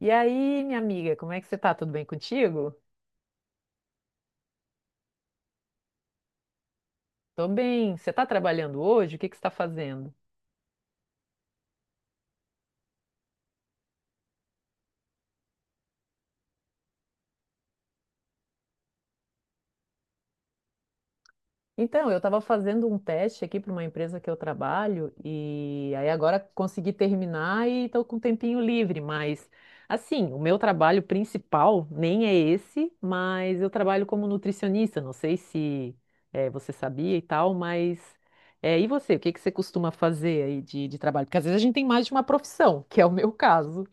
E aí, minha amiga, como é que você tá? Tudo bem contigo? Tô bem. Você tá trabalhando hoje? O que que você tá fazendo? Então, eu estava fazendo um teste aqui para uma empresa que eu trabalho e aí agora consegui terminar e estou com um tempinho livre, mas assim, o meu trabalho principal nem é esse, mas eu trabalho como nutricionista, não sei se você sabia e tal, mas e você, o que que você costuma fazer aí de trabalho? Porque às vezes a gente tem mais de uma profissão, que é o meu caso.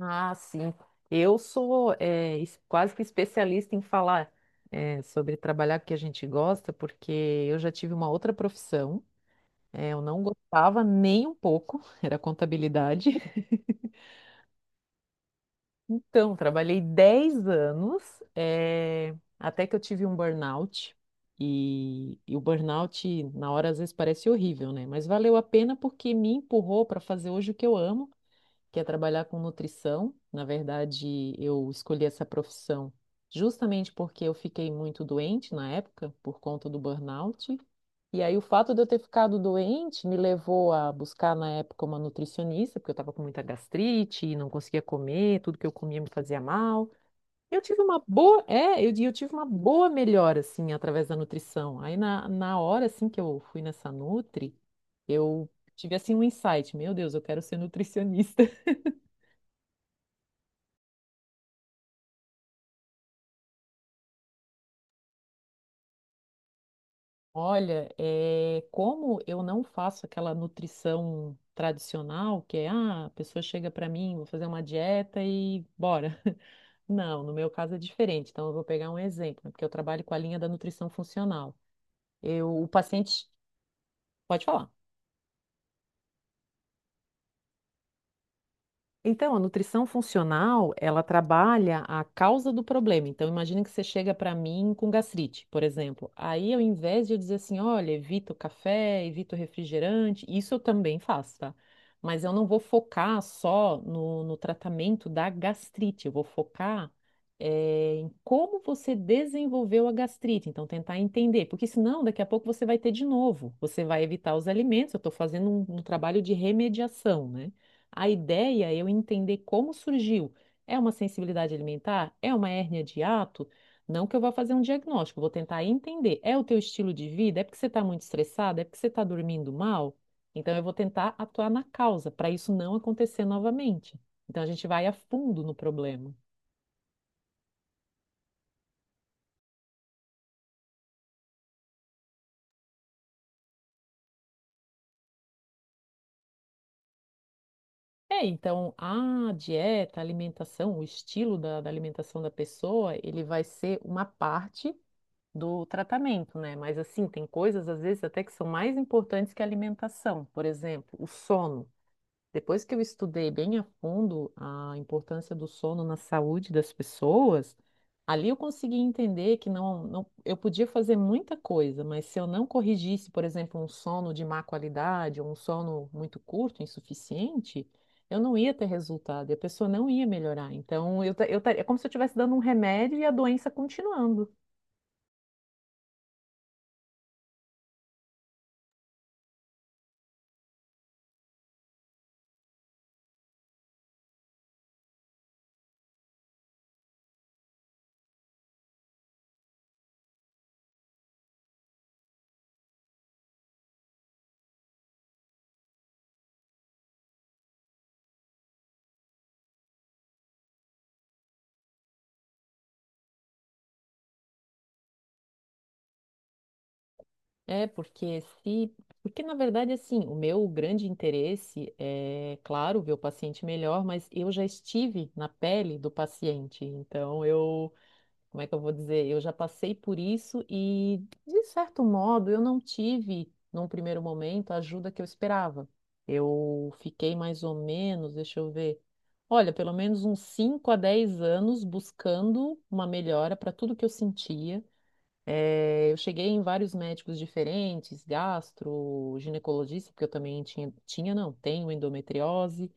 Ah, sim. Eu sou quase que especialista em falar sobre trabalhar com o que a gente gosta, porque eu já tive uma outra profissão. Eu não gostava nem um pouco, era contabilidade. Então, trabalhei 10 anos, até que eu tive um burnout. E o burnout, na hora, às vezes parece horrível, né? Mas valeu a pena porque me empurrou para fazer hoje o que eu amo, que é trabalhar com nutrição. Na verdade, eu escolhi essa profissão justamente porque eu fiquei muito doente na época, por conta do burnout. E aí, o fato de eu ter ficado doente me levou a buscar, na época, uma nutricionista, porque eu estava com muita gastrite e não conseguia comer, tudo que eu comia me fazia mal. Eu tive uma boa melhora, assim, através da nutrição. Aí, na hora, assim, que eu fui nessa Nutri, eu tive, assim, um insight: meu Deus, eu quero ser nutricionista. Olha, é, como eu não faço aquela nutrição tradicional, que é, ah, a pessoa chega para mim, vou fazer uma dieta e bora. Não, no meu caso é diferente. Então, eu vou pegar um exemplo, né, porque eu trabalho com a linha da nutrição funcional. Eu, o paciente, pode falar. Então, a nutrição funcional, ela trabalha a causa do problema. Então, imagina que você chega para mim com gastrite, por exemplo. Aí, ao invés de eu dizer assim, olha, evita o café, evita o refrigerante, isso eu também faço, tá? Mas eu não vou focar só no tratamento da gastrite, eu vou focar em como você desenvolveu a gastrite. Então, tentar entender, porque senão daqui a pouco você vai ter de novo. Você vai evitar os alimentos, eu estou fazendo um trabalho de remediação, né? A ideia é eu entender como surgiu. É uma sensibilidade alimentar? É uma hérnia de hiato? Não que eu vá fazer um diagnóstico, eu vou tentar entender. É o teu estilo de vida? É porque você está muito estressado? É porque você está dormindo mal? Então eu vou tentar atuar na causa para isso não acontecer novamente. Então a gente vai a fundo no problema. É, então a dieta, a alimentação, o estilo da alimentação da pessoa, ele vai ser uma parte do tratamento, né? Mas assim, tem coisas às vezes até que são mais importantes que a alimentação. Por exemplo, o sono. Depois que eu estudei bem a fundo a importância do sono na saúde das pessoas, ali eu consegui entender que não, não, eu podia fazer muita coisa, mas se eu não corrigisse, por exemplo, um sono de má qualidade ou um sono muito curto, insuficiente, eu não ia ter resultado e a pessoa não ia melhorar. Então, é como se eu estivesse dando um remédio e a doença continuando. É, porque se. Porque, na verdade, assim, o meu grande interesse é, claro, ver o paciente melhor, mas eu já estive na pele do paciente. Então, eu. Como é que eu vou dizer? Eu já passei por isso e, de certo modo, eu não tive, num primeiro momento, a ajuda que eu esperava. Eu fiquei mais ou menos, deixa eu ver. Olha, pelo menos uns 5 a 10 anos buscando uma melhora para tudo que eu sentia. Eu cheguei em vários médicos diferentes, gastro, ginecologista, porque eu também tinha, tinha, não, tenho endometriose.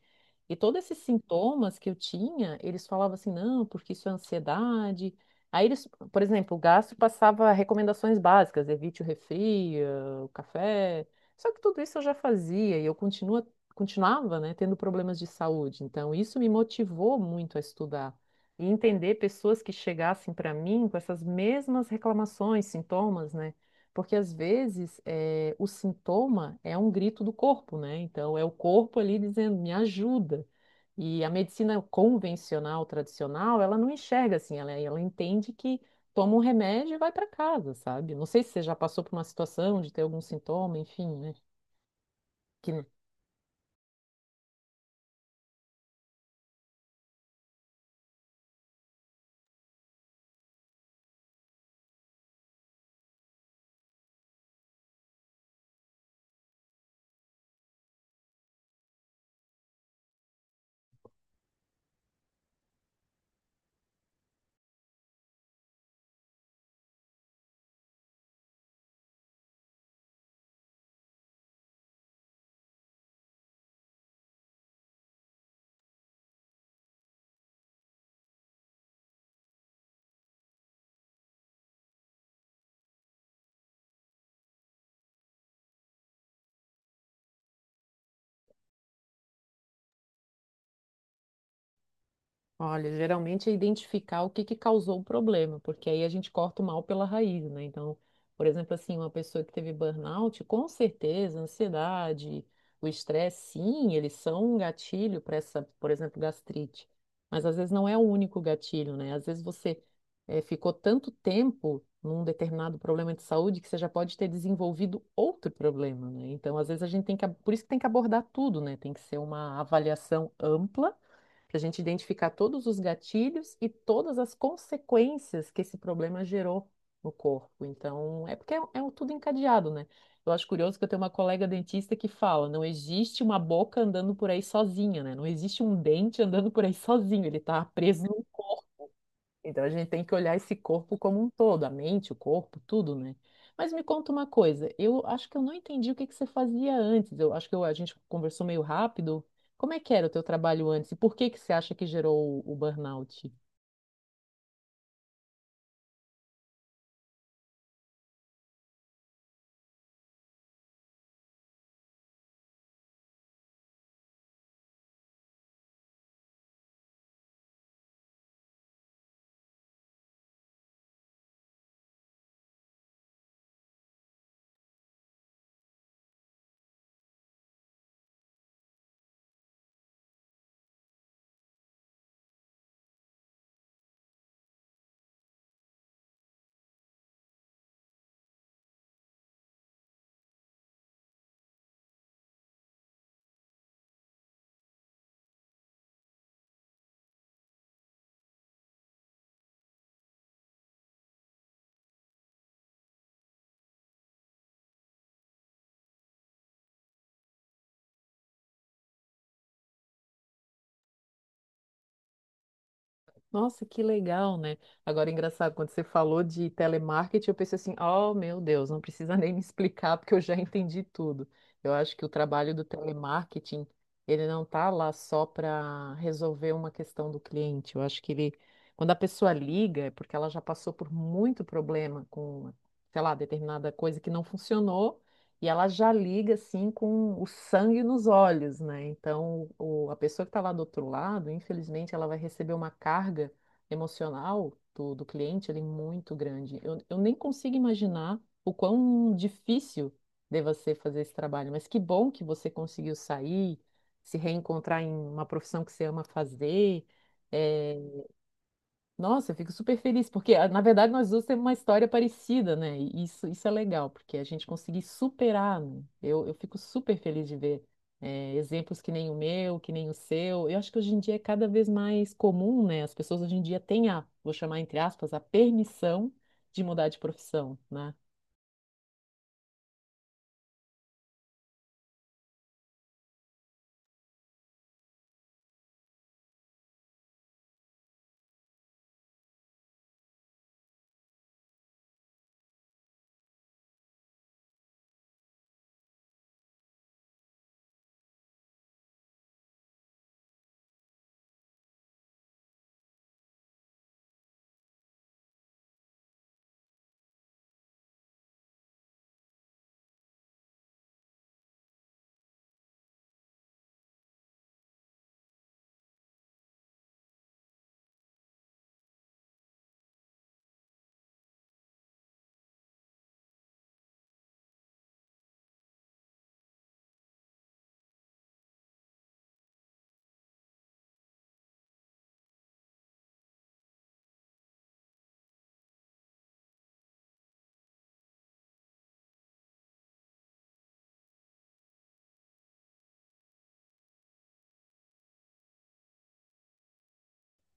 E todos esses sintomas que eu tinha, eles falavam assim, não, porque isso é ansiedade. Aí eles, por exemplo, o gastro passava recomendações básicas, evite o refri, o café. Só que tudo isso eu já fazia e eu continuava, né, tendo problemas de saúde. Então, isso me motivou muito a estudar e entender pessoas que chegassem para mim com essas mesmas reclamações, sintomas, né? Porque às vezes o sintoma é um grito do corpo, né? Então é o corpo ali dizendo, me ajuda. E a medicina convencional, tradicional, ela não enxerga assim, ela entende que toma um remédio e vai para casa, sabe? Não sei se você já passou por uma situação de ter algum sintoma, enfim, né? Que... Olha, geralmente é identificar o que que causou o problema, porque aí a gente corta o mal pela raiz, né? Então, por exemplo, assim, uma pessoa que teve burnout, com certeza, a ansiedade, o estresse, sim, eles são um gatilho para essa, por exemplo, gastrite. Mas às vezes não é o único gatilho, né? Às vezes você ficou tanto tempo num determinado problema de saúde que você já pode ter desenvolvido outro problema, né? Então, às vezes a gente tem que, por isso que tem que abordar tudo, né? Tem que ser uma avaliação ampla para a gente identificar todos os gatilhos e todas as consequências que esse problema gerou no corpo. Então, é porque é um tudo encadeado, né? Eu acho curioso que eu tenho uma colega dentista que fala: não existe uma boca andando por aí sozinha, né? Não existe um dente andando por aí sozinho, ele está preso num... Então a gente tem que olhar esse corpo como um todo, a mente, o corpo, tudo, né? Mas me conta uma coisa, eu acho que eu não entendi o que que você fazia antes. Eu acho que a gente conversou meio rápido. Como é que era o teu trabalho antes e por que que você acha que gerou o burnout? Nossa, que legal, né? Agora, engraçado, quando você falou de telemarketing, eu pensei assim, oh, meu Deus, não precisa nem me explicar, porque eu já entendi tudo. Eu acho que o trabalho do telemarketing, ele não tá lá só para resolver uma questão do cliente. Eu acho que ele, quando a pessoa liga, é porque ela já passou por muito problema com, sei lá, determinada coisa que não funcionou, e ela já liga assim com o sangue nos olhos, né? Então, a pessoa que está lá do outro lado, infelizmente, ela vai receber uma carga emocional do cliente ali muito grande. Eu nem consigo imaginar o quão difícil deva ser fazer esse trabalho, mas que bom que você conseguiu sair, se reencontrar em uma profissão que você ama fazer. Eh, Nossa, eu fico super feliz, porque na verdade nós duas temos uma história parecida, né? E isso é legal, porque a gente conseguir superar, né? Eu fico super feliz de ver exemplos que nem o meu, que nem o seu. Eu acho que hoje em dia é cada vez mais comum, né? As pessoas hoje em dia têm a, vou chamar entre aspas, a permissão de mudar de profissão, né?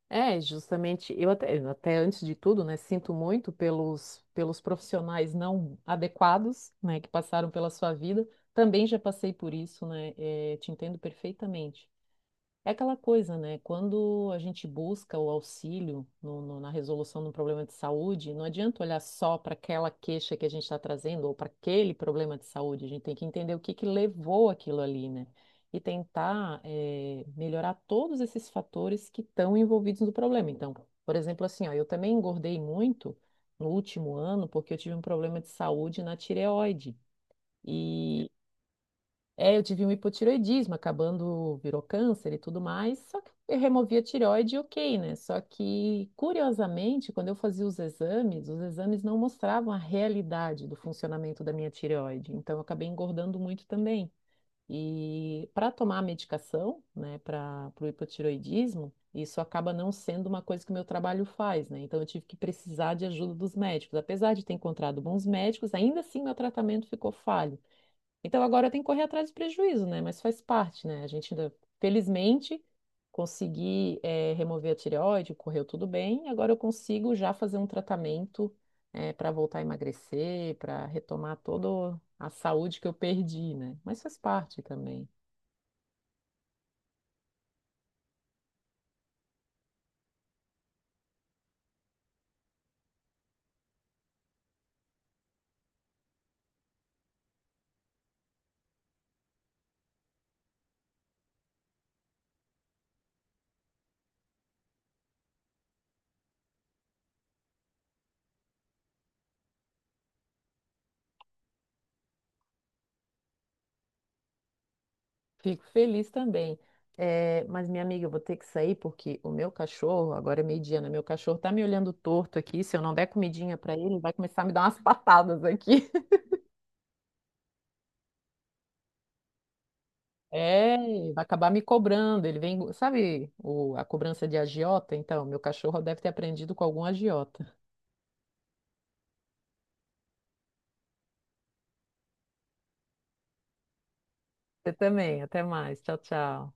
É, justamente, eu até antes de tudo, né, sinto muito pelos profissionais não adequados, né, que passaram pela sua vida. Também já passei por isso, né, te entendo perfeitamente. É aquela coisa, né? Quando a gente busca o auxílio na resolução de um problema de saúde, não adianta olhar só para aquela queixa que a gente está trazendo ou para aquele problema de saúde. A gente tem que entender o que que levou aquilo ali, né? E tentar, melhorar todos esses fatores que estão envolvidos no problema. Então, por exemplo, assim, ó, eu também engordei muito no último ano porque eu tive um problema de saúde na tireoide. É, eu tive um hipotireoidismo, acabando virou câncer e tudo mais, só que eu removi a tireoide, e ok, né? Só que, curiosamente, quando eu fazia os exames não mostravam a realidade do funcionamento da minha tireoide, então eu acabei engordando muito também. E para tomar a medicação, né, para o hipotireoidismo, isso acaba não sendo uma coisa que o meu trabalho faz, né? Então eu tive que precisar de ajuda dos médicos. Apesar de ter encontrado bons médicos, ainda assim meu tratamento ficou falho. Então agora eu tenho que correr atrás do prejuízo, né? Mas faz parte, né? A gente ainda, felizmente, consegui, remover a tireoide, correu tudo bem. Agora eu consigo já fazer um tratamento para voltar a emagrecer, para retomar toda a saúde que eu perdi, né? Mas faz parte também. Fico feliz também. Mas, minha amiga, eu vou ter que sair porque o meu cachorro, agora é meio-dia, né? Meu cachorro tá me olhando torto aqui. Se eu não der comidinha para ele, ele vai começar a me dar umas patadas aqui. É, vai acabar me cobrando. Ele vem, sabe, a cobrança de agiota? Então, meu cachorro deve ter aprendido com algum agiota. Você também, até mais. Tchau, tchau.